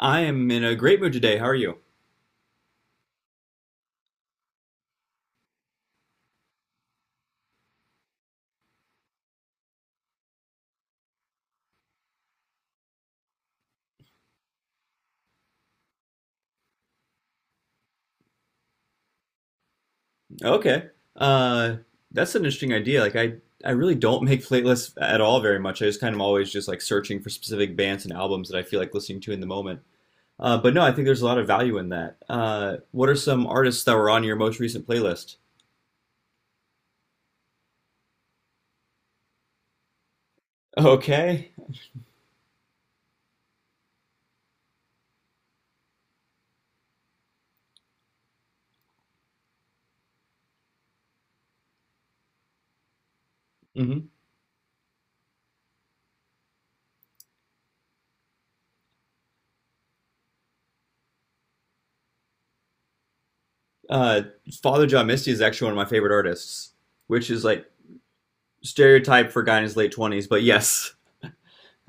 I am in a great mood today. How are you? Okay. Uh, that's an interesting idea. Like I really don't make playlists at all very much. I just kind of always just like searching for specific bands and albums that I feel like listening to in the moment. But no, I think there's a lot of value in that. What are some artists that were on your most recent playlist? Okay. hmm Uh, Father John Misty is actually one of my favorite artists, which is like stereotype for a guy in his late 20s, but yes.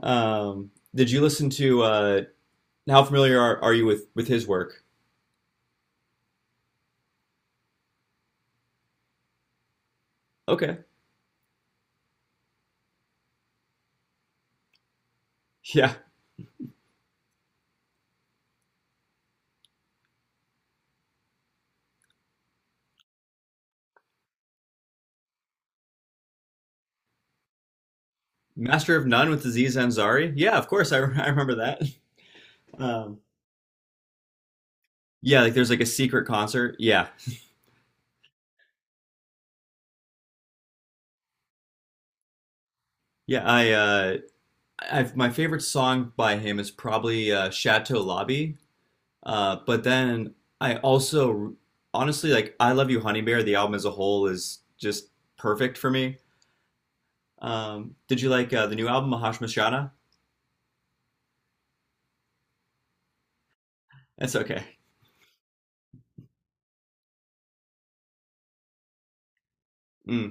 Did you listen to how familiar are you with his work? Okay. Yeah. Master of None with Aziz Ansari. Yeah, of course. I, I remember that. Um, yeah, like there's like a secret concert. Yeah. Yeah. My favorite song by him is probably Chateau Lobby. But then I also, honestly, like I Love You, Honey Bear, the album as a whole is just perfect for me. Did you like the new album, Mahash Mashana? That's okay. Mm.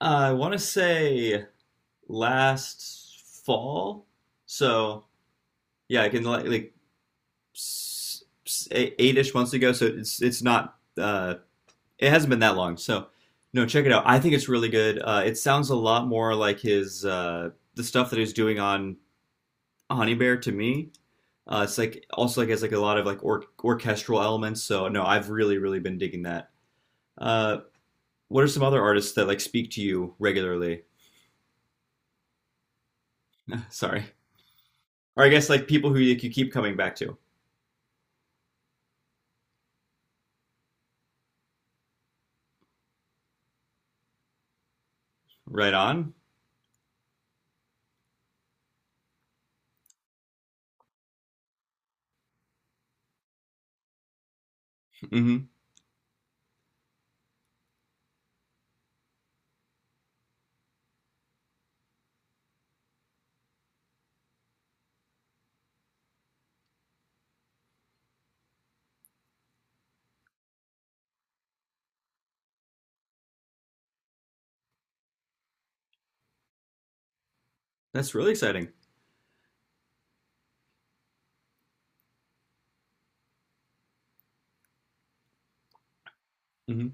I want to say last fall. So yeah, like eight ish months ago, so it's not it hasn't been that long. So no, check it out. I think it's really good. It sounds a lot more like his the stuff that he's doing on Honey Bear to me. It's like also like has like a lot of like orchestral elements. So no, I've really been digging that. Uh, what are some other artists that like speak to you regularly? Sorry, or I guess like people who like, you keep coming back to. Right on. Mm-hmm. That's really exciting. Mm-hmm.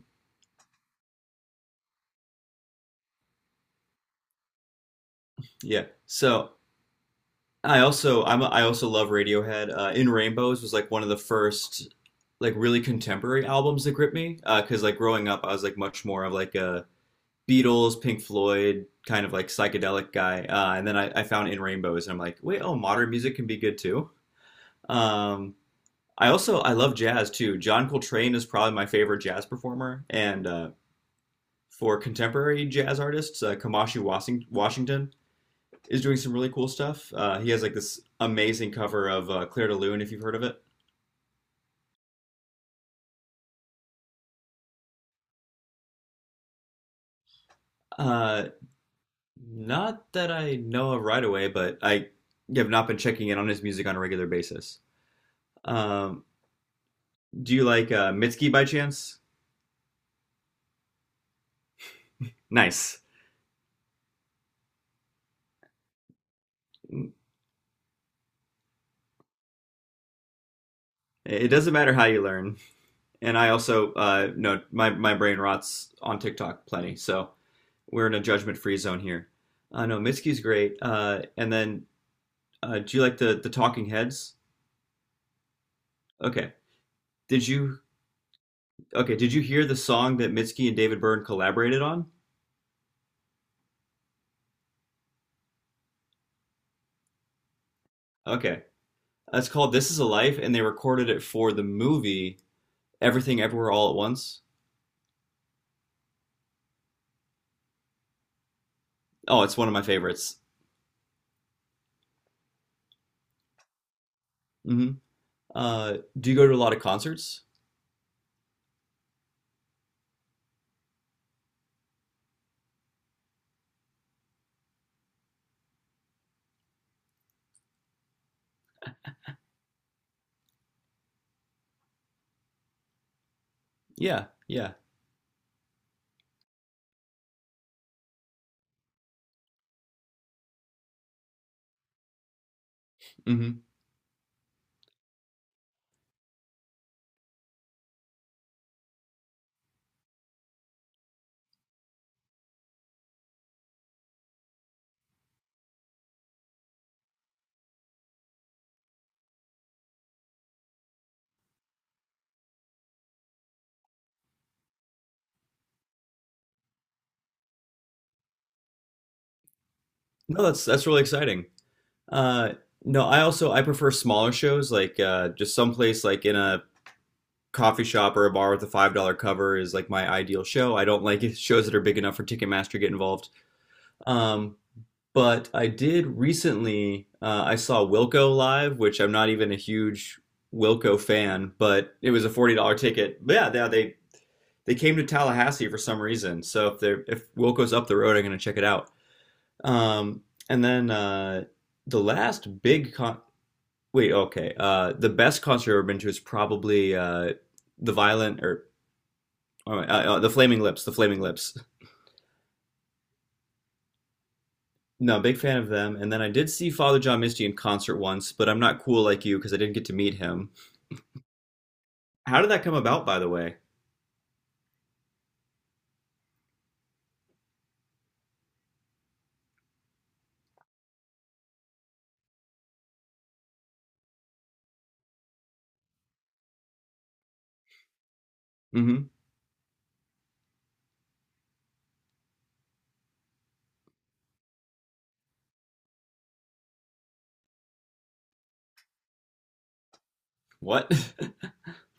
Yeah. So I also love Radiohead. In Rainbows was like one of the first like really contemporary albums that gripped me because like growing up I was like much more of like a Beatles, Pink Floyd kind of like psychedelic guy, and then I found In Rainbows and I'm like, wait, oh, modern music can be good too. Um, I also I love jazz too. John Coltrane is probably my favorite jazz performer, and for contemporary jazz artists, Kamashi Washington is doing some really cool stuff. He has like this amazing cover of Claire de Lune, if you've heard of it. Uh, not that I know of right away, but I have not been checking in on his music on a regular basis. Um, do you like Mitski by chance? Nice. It doesn't matter how you learn. And I also no, my brain rots on TikTok plenty, so we're in a judgment free zone here. No, Mitski's great. And then do you like the Talking Heads? Okay. Did you Okay, did you hear the song that Mitski and David Byrne collaborated on? Okay. It's called This Is a Life, and they recorded it for the movie Everything Everywhere All at Once. Oh, it's one of my favorites. hmm do you go to a lot of concerts? Yeah, yeah. hmm No, that's really exciting. Uh, no, I also I prefer smaller shows, like just someplace like in a coffee shop or a bar with a $5 cover is like my ideal show. I don't like shows that are big enough for Ticketmaster to get involved. Um, But I did recently, I saw Wilco live, which I'm not even a huge Wilco fan, but it was a $40 ticket. But yeah, they came to Tallahassee for some reason. So if they're if Wilco's up the road, I'm gonna check it out. Um, and then the last big con wait, okay, the best concert I've ever been to is probably the Violent or oh, the Flaming Lips, the Flaming Lips. No, big fan of them. And then I did see Father John Misty in concert once, but I'm not cool like you because I didn't get to meet him. How did that come about, by the way? Mm-hmm. What?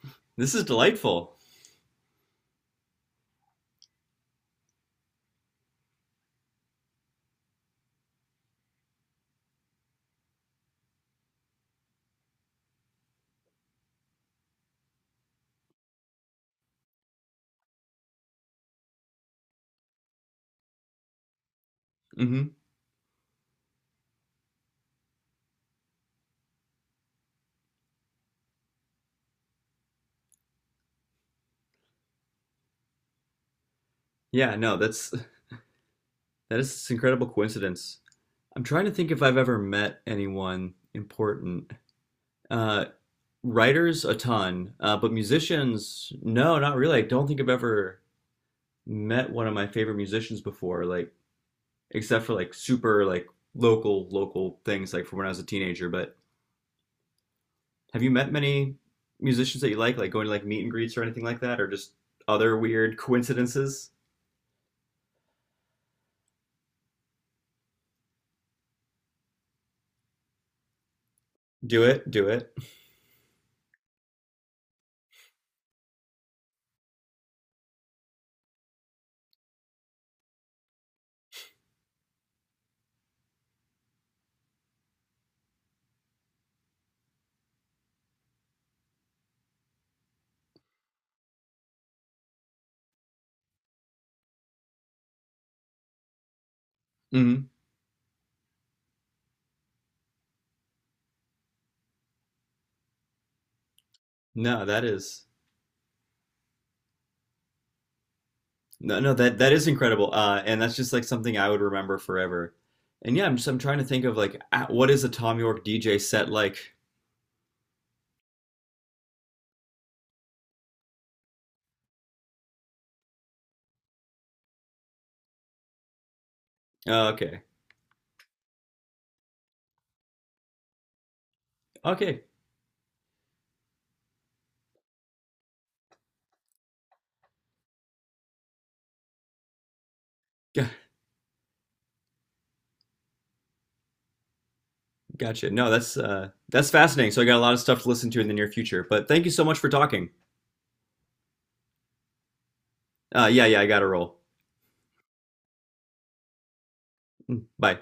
this is delightful. Mm-hmm. Yeah, no, that is this incredible coincidence. I'm trying to think if I've ever met anyone important. Uh, writers, a ton, but musicians, no, not really. I don't think I've ever met one of my favorite musicians before, like except for like super like local local things like from when I was a teenager. But have you met many musicians that you like going to like meet and greets or anything like that, or just other weird coincidences? Do it, do it. hmm No, that is no, no, that is incredible, and that's just like something I would remember forever. And yeah, I'm trying to think of like ah, what is a Tom York DJ set like? Uh, okay, okay, G- gotcha. No, that's fascinating. So I got a lot of stuff to listen to in the near future. But thank you so much for talking. Yeah, yeah, I gotta roll. Bye.